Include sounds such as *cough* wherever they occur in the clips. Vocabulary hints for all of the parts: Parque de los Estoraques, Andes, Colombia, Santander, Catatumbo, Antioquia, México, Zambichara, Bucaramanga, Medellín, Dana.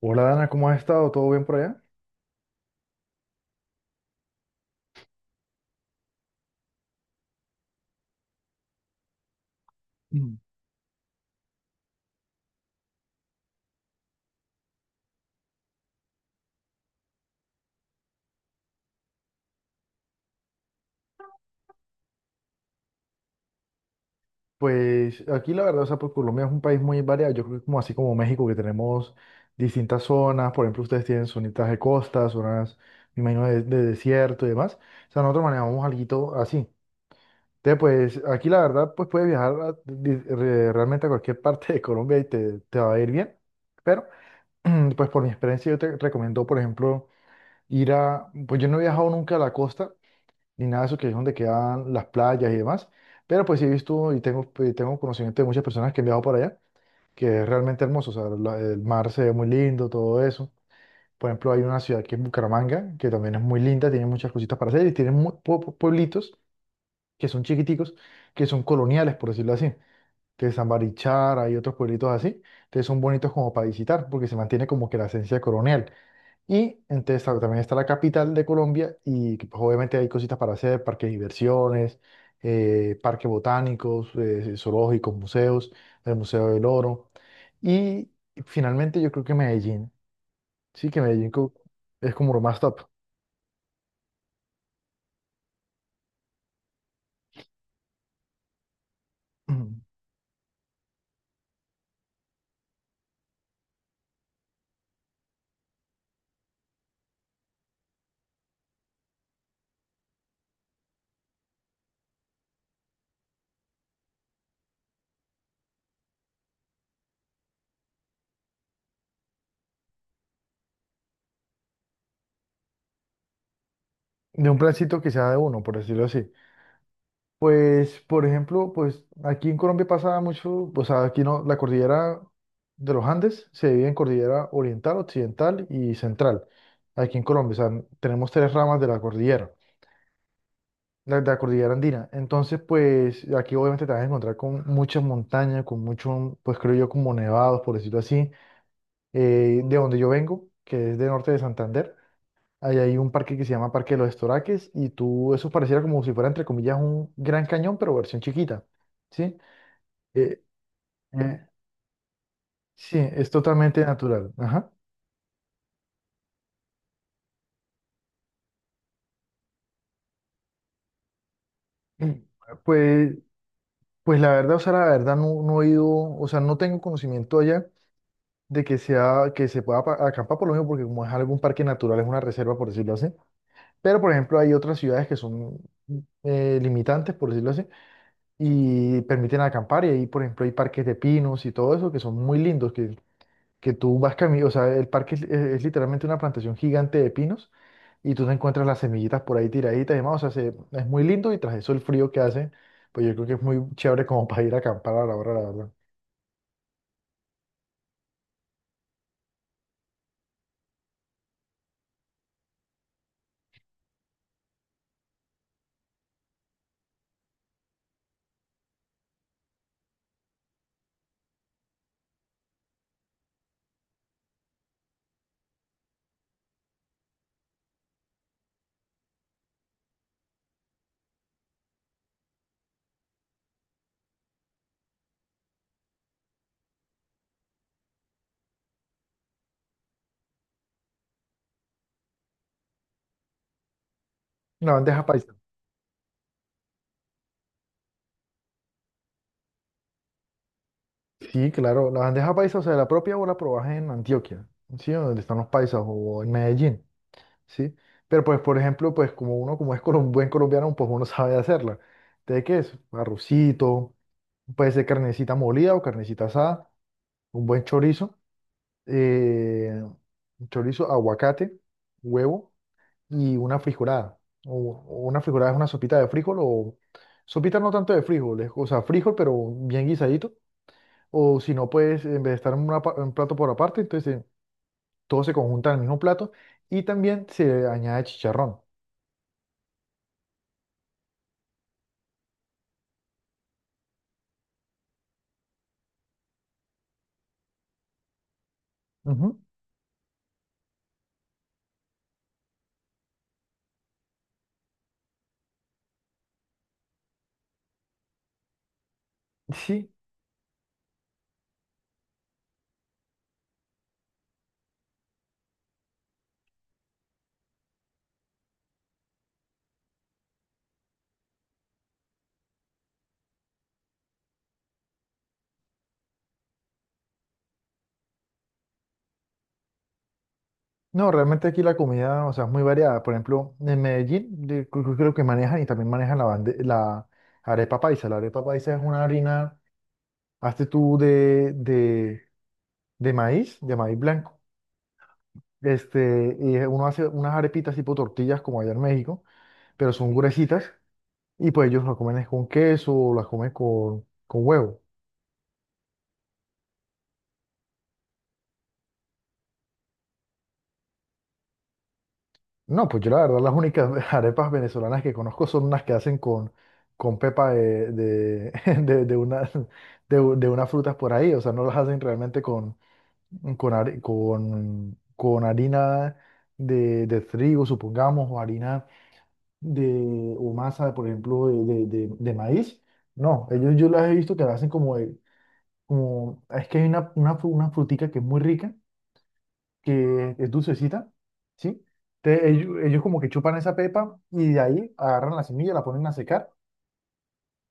Hola Dana, ¿cómo has estado? ¿Todo bien por allá? Mm. Pues aquí la verdad, o sea, pues Colombia es un país muy variado. Yo creo que como así como México, que tenemos distintas zonas. Por ejemplo, ustedes tienen zonitas de costa, zonas, me imagino, de desierto y demás. O sea, nosotros manejamos algo así. Entonces, pues aquí la verdad, pues puedes viajar realmente a cualquier *laughs* parte de Colombia y te va a ir bien. Pero, *clears throat* pues por mi experiencia, yo te recomiendo, por ejemplo, Pues yo no he viajado nunca a la costa. Ni nada de eso que es donde quedan las playas y demás. Pero pues sí he visto y tengo conocimiento de muchas personas que han viajado para allá, que es realmente hermoso, o sea, el mar se ve muy lindo, todo eso. Por ejemplo, hay una ciudad que es Bucaramanga, que también es muy linda, tiene muchas cositas para hacer y tiene muy, pueblitos que son chiquiticos, que son coloniales, por decirlo así. Entonces, Zambichara y otros pueblitos así, entonces son bonitos como para visitar, porque se mantiene como que la esencia colonial. Y entonces claro, también está la capital de Colombia y que, pues, obviamente hay cositas para hacer, parques de diversiones, parques botánicos, zoológicos, museos, el Museo del Oro. Y finalmente yo creo que Medellín, sí que Medellín es como lo más top *clears throat* de un plancito que sea de uno, por decirlo así. Pues, por ejemplo, pues aquí en Colombia pasa mucho, o sea, aquí no, la cordillera de los Andes se divide en cordillera oriental, occidental y central. Aquí en Colombia, o sea, tenemos tres ramas de la cordillera, de la cordillera andina. Entonces, pues aquí obviamente te vas a encontrar con muchas montañas, con muchos, pues creo yo, como nevados, por decirlo así. De donde yo vengo, que es de norte de Santander, ahí hay un parque que se llama Parque de los Estoraques y tú, eso pareciera como si fuera, entre comillas, un gran cañón, pero versión chiquita. ¿Sí? Eh, eh, sí, es totalmente natural. Ajá. *clears throat* Mm. Pues, pues la verdad, o sea, la verdad no he ido, o sea, no tengo conocimiento allá de que sea, que se pueda acampar por lo mismo, porque como es algún parque natural, es una reserva, por decirlo así. Pero, por ejemplo, hay otras ciudades que son limitantes, por decirlo así, y permiten acampar. Y ahí, por ejemplo, hay parques de pinos y todo eso que son muy lindos, que tú vas camino, o sea, el parque es literalmente una plantación gigante de pinos y tú te encuentras las semillitas por ahí tiraditas y demás. O sea, es muy lindo y tras eso el frío que hace, pues yo creo que es muy chévere como para ir a acampar a la hora, la verdad. La bandeja paisa. Sí, claro, la bandeja paisa, o sea, la propia o la probás en Antioquia, ¿sí? Donde están los paisas o en Medellín, ¿sí? Pero pues, por ejemplo, pues como uno, como es buen colombiano, pues uno sabe hacerla. ¿De qué es? Arrocito, puede ser carnecita molida o carnecita asada, un buen chorizo, eh, chorizo, aguacate, huevo. Y una frijolada. O, o una frijolada es una sopita de frijol o sopita no tanto de frijol, o sea, frijol pero bien guisadito. O si no, pues en vez de estar en una un plato por aparte, entonces todo se conjunta en el mismo plato y también se añade chicharrón. Ujú, sí, no, realmente aquí la comida, o sea, es muy variada. Por ejemplo, en Medellín creo que manejan y también manejan la arepa paisa. La arepa paisa es una harina, hazte tú de, de maíz, de maíz blanco. Y uno hace unas arepitas tipo tortillas como allá en México, pero son gruesitas y pues ellos las comen es con queso o las comen con huevo. No, pues yo la verdad las únicas *laughs* arepas venezolanas que conozco son unas que hacen con pepa *laughs* de una, de unas frutas por ahí, o sea, no las hacen realmente con harina de trigo, supongamos, o harina o masa, por ejemplo, de maíz. No, ellos yo las he visto que la hacen como es que hay una frutica que es muy rica, que es dulcecita, ¿sí? Ellos como que chupan esa pepa y de ahí agarran la semilla, la ponen a secar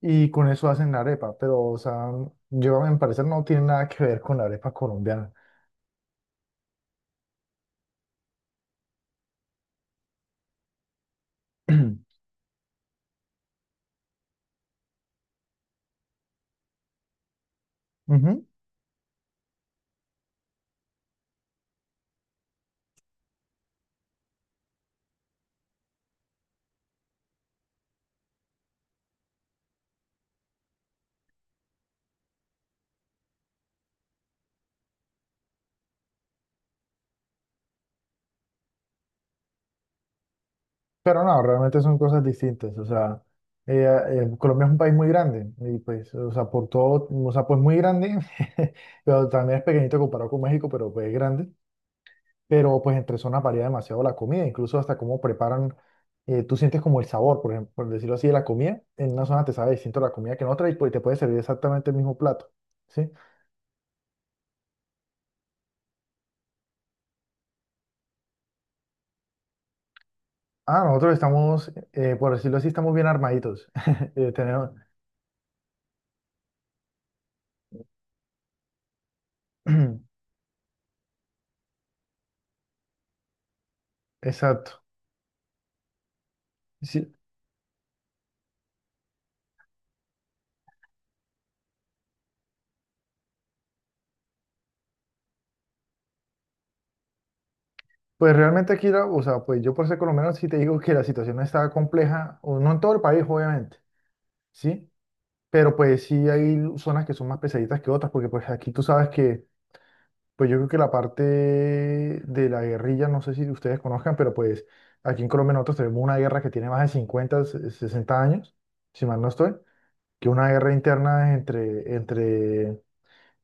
y con eso hacen la arepa. Pero, o sea, yo a mi parecer no tiene nada que ver con la arepa colombiana. *clears throat* Ujú. Pero no, realmente son cosas distintas. O sea, Colombia es un país muy grande y pues, o sea, por todo, o sea, pues muy grande, *laughs* pero también es pequeñito comparado con México, pero pues es grande. Pero pues entre zonas varía demasiado la comida, incluso hasta cómo preparan, tú sientes como el sabor, por ejemplo, por decirlo así, de la comida. En una zona te sabe distinto la comida que en otra y pues te puede servir exactamente el mismo plato, ¿sí? Ah, nosotros estamos, por decirlo así, estamos bien armaditos. *laughs* Tenemos, *clears throat* exacto. Sí, pues realmente aquí, o sea, pues yo por ser colombiano sí te digo que la situación está compleja, o no en todo el país, obviamente, ¿sí? Pero pues sí hay zonas que son más pesaditas que otras, porque pues aquí tú sabes que, pues yo creo que la parte de la guerrilla, no sé si ustedes conozcan, pero pues aquí en Colombia nosotros tenemos una guerra que tiene más de 50, 60 años, si mal no estoy, que una guerra interna entre, entre,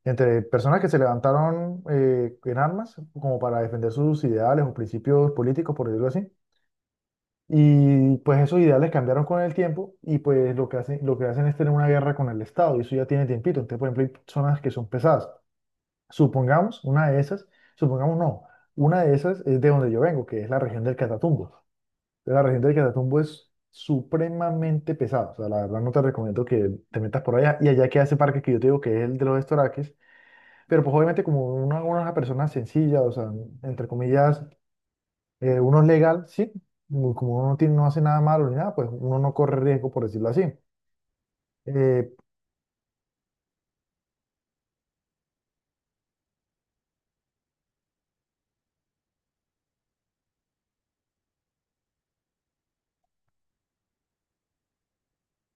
entre personas que se levantaron en armas como para defender sus ideales o principios políticos, por decirlo así. Y pues esos ideales cambiaron con el tiempo y pues lo que hacen es tener una guerra con el Estado y eso ya tiene tiempito. Entonces, por ejemplo, hay personas que son pesadas. Supongamos una de esas, supongamos no, una de esas es de donde yo vengo, que es la región del Catatumbo. Entonces, la región del Catatumbo es supremamente pesada. O sea, la verdad no te recomiendo que te metas por allá y allá queda ese parque que yo te digo que es el de los estoraques. Pero pues obviamente como una persona sencilla, o sea, entre comillas uno es legal, sí, como uno no tiene, no hace nada malo ni nada, pues uno no corre riesgo, por decirlo así. Eh,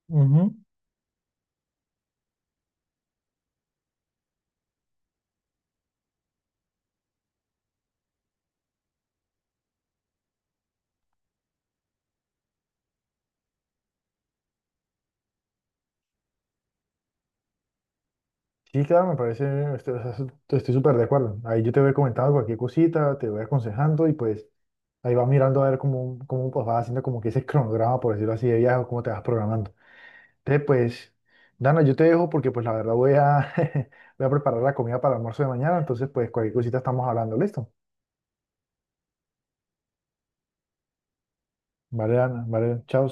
ujú, sí, claro, me parece, estoy, o sea, estoy súper de acuerdo. Ahí yo te voy comentando cualquier cosita, te voy aconsejando y pues ahí vas mirando a ver cómo pues, vas haciendo como que ese cronograma, por decirlo así, de viaje o cómo te vas programando. Entonces, pues, Dana, yo te dejo porque pues la verdad *laughs* voy a preparar la comida para el almuerzo de mañana, entonces pues cualquier cosita estamos hablando, ¿listo? Vale, Dana, vale, chao.